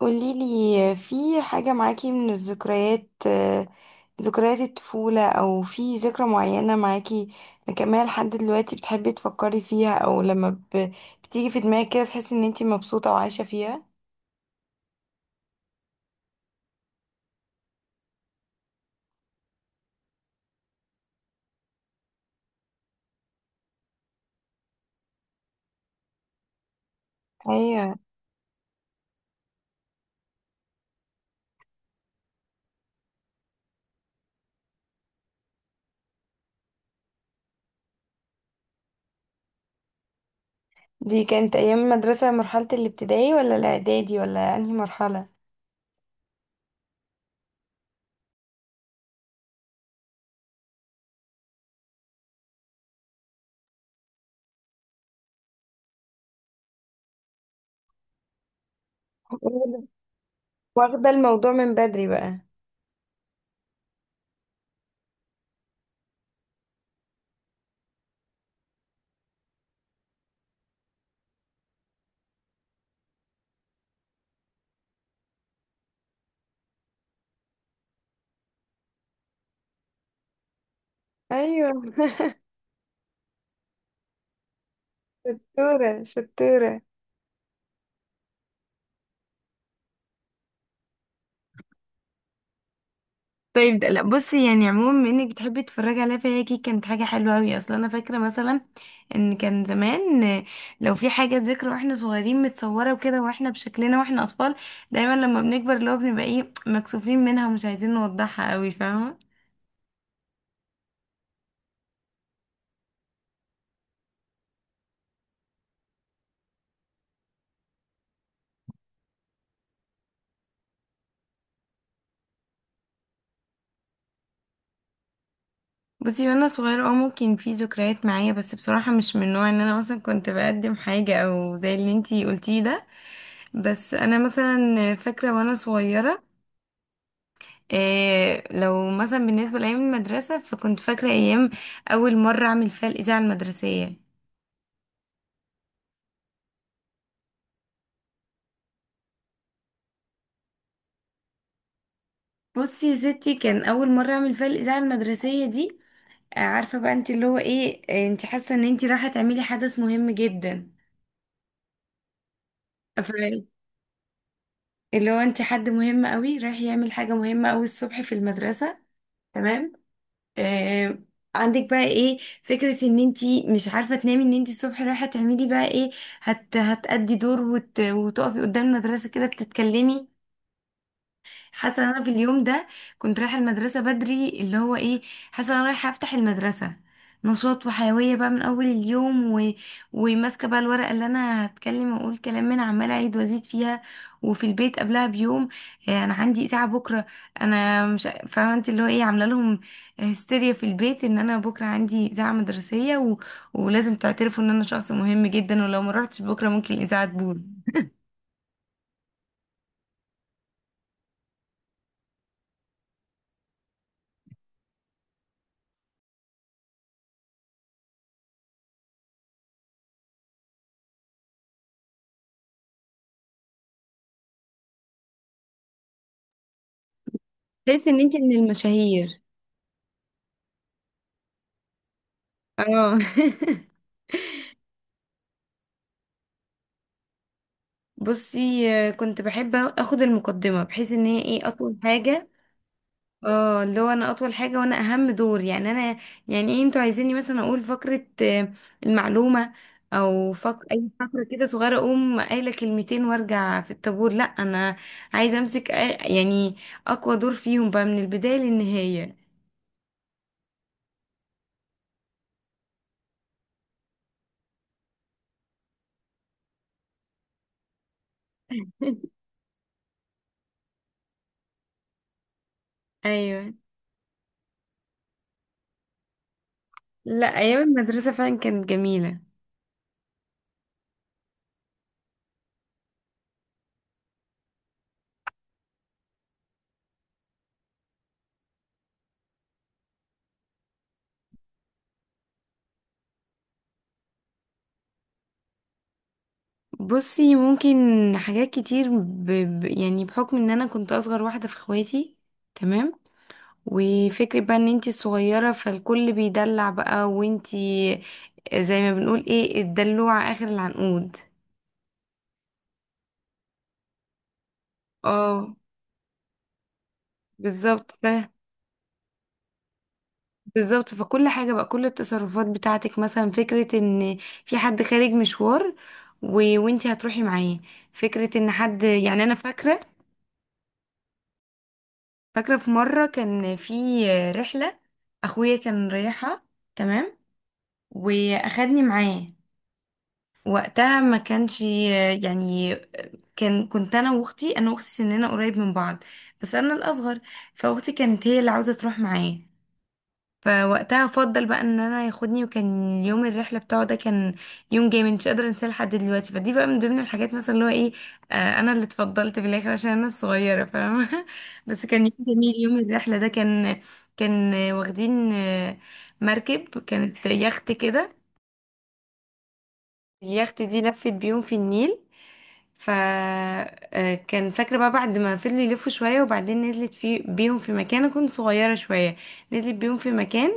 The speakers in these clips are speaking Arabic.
قوليلي في حاجة معاكي من الذكريات ذكريات الطفولة، أو في ذكرى معينة معاكي مكملة لحد دلوقتي بتحبي تفكري فيها، أو بتيجي في دماغك كده تحسي إن انتي مبسوطة وعايشة فيها؟ ايوه، دي كانت أيام المدرسة، مرحلة الابتدائي ولا الإعدادي ولا أنهي مرحلة؟ واخدة، واخدة الموضوع من بدري بقى. أيوة شطورة شطورة. لا بصي، يعني عموما بما انك بتحبي تتفرجي عليها، فهي اكيد كانت حاجه حلوه قوي. اصلا انا فاكره مثلا ان كان زمان لو في حاجه ذكرى واحنا صغيرين متصوره وكده واحنا بشكلنا واحنا اطفال، دايما لما بنكبر اللي هو بنبقى ايه، مكسوفين منها ومش عايزين نوضحها قوي، فاهمه؟ بصي، وانا صغيره اه، ممكن في ذكريات معايا، بس بصراحه مش من نوع ان انا مثلا كنت بقدم حاجه او زي اللي انتي قلتيه ده. بس انا مثلا فاكره وانا صغيره إيه، لو مثلا بالنسبة لأيام المدرسة، فكنت فاكرة أيام أول مرة أعمل فيها الإذاعة المدرسية. بصي يا ستي، كان أول مرة أعمل فيها الإذاعة المدرسية دي، عارفة بقى انت اللي هو ايه، انت حاسة ان انت رايحة تعملي حدث مهم جدا. ف- اللي هو انت حد مهم قوي رايح يعمل حاجة مهمة قوي الصبح في المدرسة، تمام؟ آه، عندك بقى ايه فكرة ان انتي مش عارفة تنامي، ان انتي الصبح رايحة تعملي بقى ايه، هتأدي دور، وتقفي قدام المدرسة كده بتتكلمي. حاسه ان انا في اليوم ده كنت رايحه المدرسه بدري، اللي هو ايه، حاسه ان انا رايحه افتح المدرسه. نشاط وحيويه بقى من اول اليوم وماسكه بقى الورقه اللي انا هتكلم واقول كلام من عماله اعيد وازيد فيها. وفي البيت قبلها بيوم، انا عندي اذاعه بكره. انا مش ع- فاهمه انت اللي هو ايه عامله لهم. هستيريا في البيت ان انا بكره عندي اذاعه مدرسيه ولازم تعترفوا ان انا شخص مهم جدا، ولو ما رحتش بكره ممكن الاذاعه تبوظ. تحس ان انت من المشاهير. اه بصي، كنت بحب اخد المقدمة بحيث ان هي ايه، اطول حاجة. اه، اللي هو انا اطول حاجة وانا اهم دور. يعني انا، يعني ايه انتوا عايزيني مثلا اقول فقرة المعلومة او اي فقرة كده صغيرة، اقوم قايلة كلمتين وارجع في الطابور؟ لا، انا عايزة امسك يعني اقوى دور فيهم بقى من البداية للنهاية. ايوه. لا ايام المدرسة فعلا كانت جميلة. بصي، ممكن حاجات كتير، يعني بحكم ان انا كنت اصغر واحدة في اخواتي، تمام، وفكرة بقى ان انتي الصغيرة فالكل بيدلع بقى، وانتي زي ما بنقول ايه الدلوعة اخر العنقود. اه بالظبط. بالظبط، فكل حاجة بقى، كل التصرفات بتاعتك، مثلا فكرة ان في حد خارج مشوار وانتي هتروحي معاه. فكرة ان حد، يعني انا فاكرة، فاكرة في مرة كان في رحلة أخويا كان رايحها، تمام، وأخدني معاه. وقتها ما كانش، يعني كنت أنا وأختي، أنا وأختي سننا قريب من بعض، بس أنا الأصغر، فأختي كانت هي اللي عاوزة تروح معاه، فوقتها افضل بقى ان انا ياخدني. وكان يوم الرحله بتاعه ده كان يوم جامد، مش قادره انساه لحد دلوقتي. فدي بقى من ضمن الحاجات مثلا اللي هو ايه، آه، انا اللي اتفضلت بالاخر عشان انا الصغيره، فاهمه؟ بس كان يوم جميل. يوم الرحله ده كان، كان واخدين مركب، كانت يخت كده. اليخت دي لفت بيهم في النيل. ف كان فاكره بقى، بعد ما فضلوا يلفوا شويه وبعدين نزلت في بيهم في مكان، أنا كنت صغيره شويه، نزلت بيهم في مكان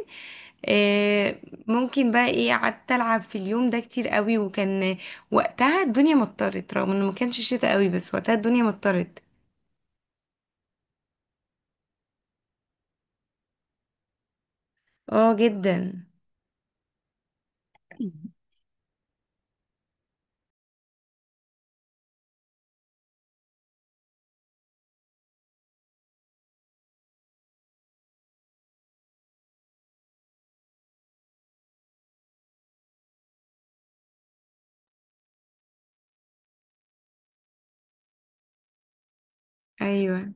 آه، ممكن بقى ايه، قعدت العب في اليوم ده كتير قوي. وكان وقتها الدنيا مطرت، رغم انه ما كانش شتاء قوي، بس وقتها الدنيا مطرت. اه جدا. ايوه،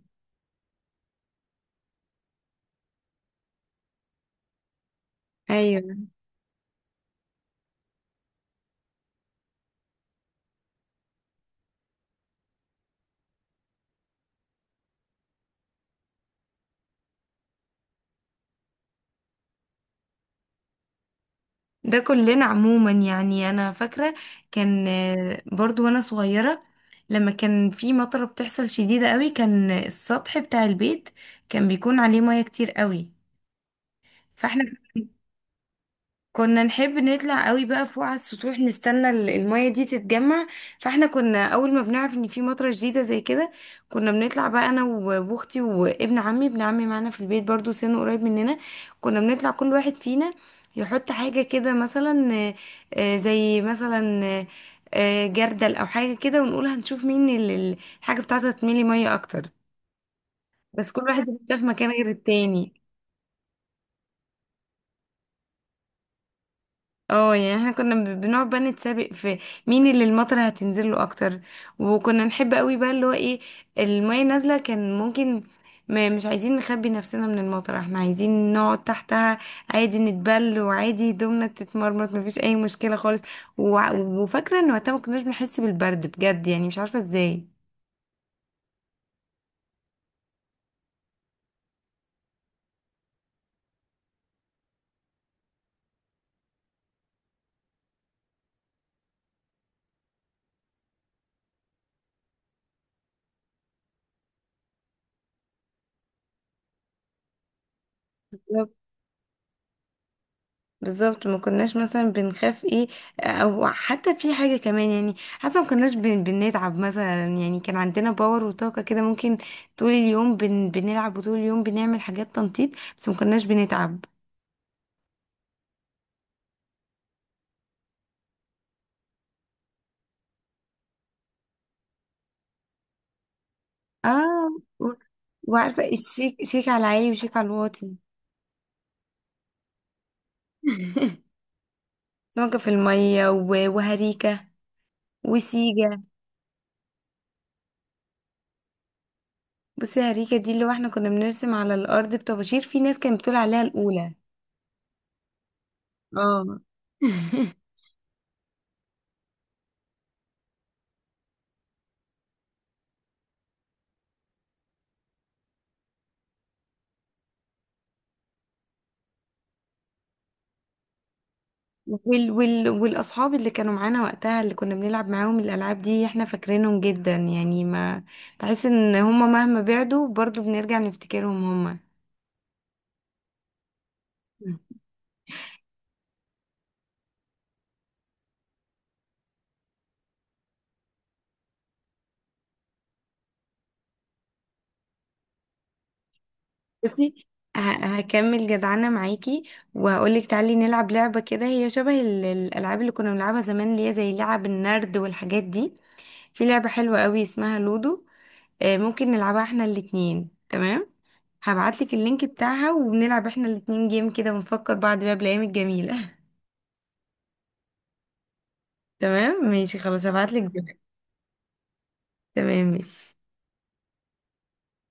ايوه ده كلنا عموما. يعني انا فاكره، كان برضو وانا صغيره، لما كان في مطره بتحصل شديده قوي، كان السطح بتاع البيت كان بيكون عليه ميه كتير قوي. فاحنا كنا نحب نطلع قوي بقى فوق على السطوح، نستنى المية دي تتجمع. فاحنا كنا اول ما بنعرف ان في مطرة جديدة زي كده، كنا بنطلع بقى انا واختي وابن عمي. ابن عمي معانا في البيت برضو، سنه قريب مننا. كنا بنطلع كل واحد فينا يحط حاجة كده، مثلا زي مثلا جردل او حاجة كده، ونقول هنشوف مين الحاجة بتاعتها تملي مية اكتر، بس كل واحد بيحطها في مكان غير التاني. اه، يعني احنا كنا بنقعد بقى نتسابق في مين اللي المطر هتنزل له اكتر. وكنا نحب قوي بقى اللي هو ايه، المية نازلة، كان ممكن، ما مش عايزين نخبي نفسنا من المطر، احنا عايزين نقعد تحتها، عادي نتبل، وعادي هدومنا تتمرمط، مفيش اي مشكلة خالص. وفاكرة ان وقتها ما كناش بنحس بالبرد بجد، يعني مش عارفة ازاي. بالظبط، ما كناش مثلا بنخاف ايه، او حتى في حاجه كمان، يعني حتى ما كناش بنتعب مثلا. يعني كان عندنا باور وطاقه كده، ممكن طول اليوم بنلعب، وطول اليوم بنعمل حاجات تنطيط، بس ما كناش بنتعب. اه و- وعارفه الشيك شيك على العالي وشيك على الواطي؟ سمكه في الميه وهريكه وسيجه. بصي، هريكه دي اللي هو احنا كنا بنرسم على الارض بطباشير. في ناس كانت بتقول عليها الاولى. اه والاصحاب اللي كانوا معانا وقتها اللي كنا بنلعب معاهم الالعاب دي، احنا فاكرينهم جدا. يعني ما، بحس ان هما مهما بعدوا برضو بنرجع نفتكرهم هما. بصي، هكمل جدعانة معاكي وهقولك تعالي نلعب لعبة كده، هي شبه الألعاب اللي كنا بنلعبها زمان، اللي هي زي لعب النرد والحاجات دي. في لعبة حلوة قوي اسمها لودو، ممكن نلعبها احنا الاتنين، تمام؟ هبعتلك اللينك بتاعها، وبنلعب احنا الاتنين جيم كده، ونفكر بعض بقى بالأيام الجميلة. تمام ماشي، خلاص هبعتلك دلوقتي. تمام ماشي.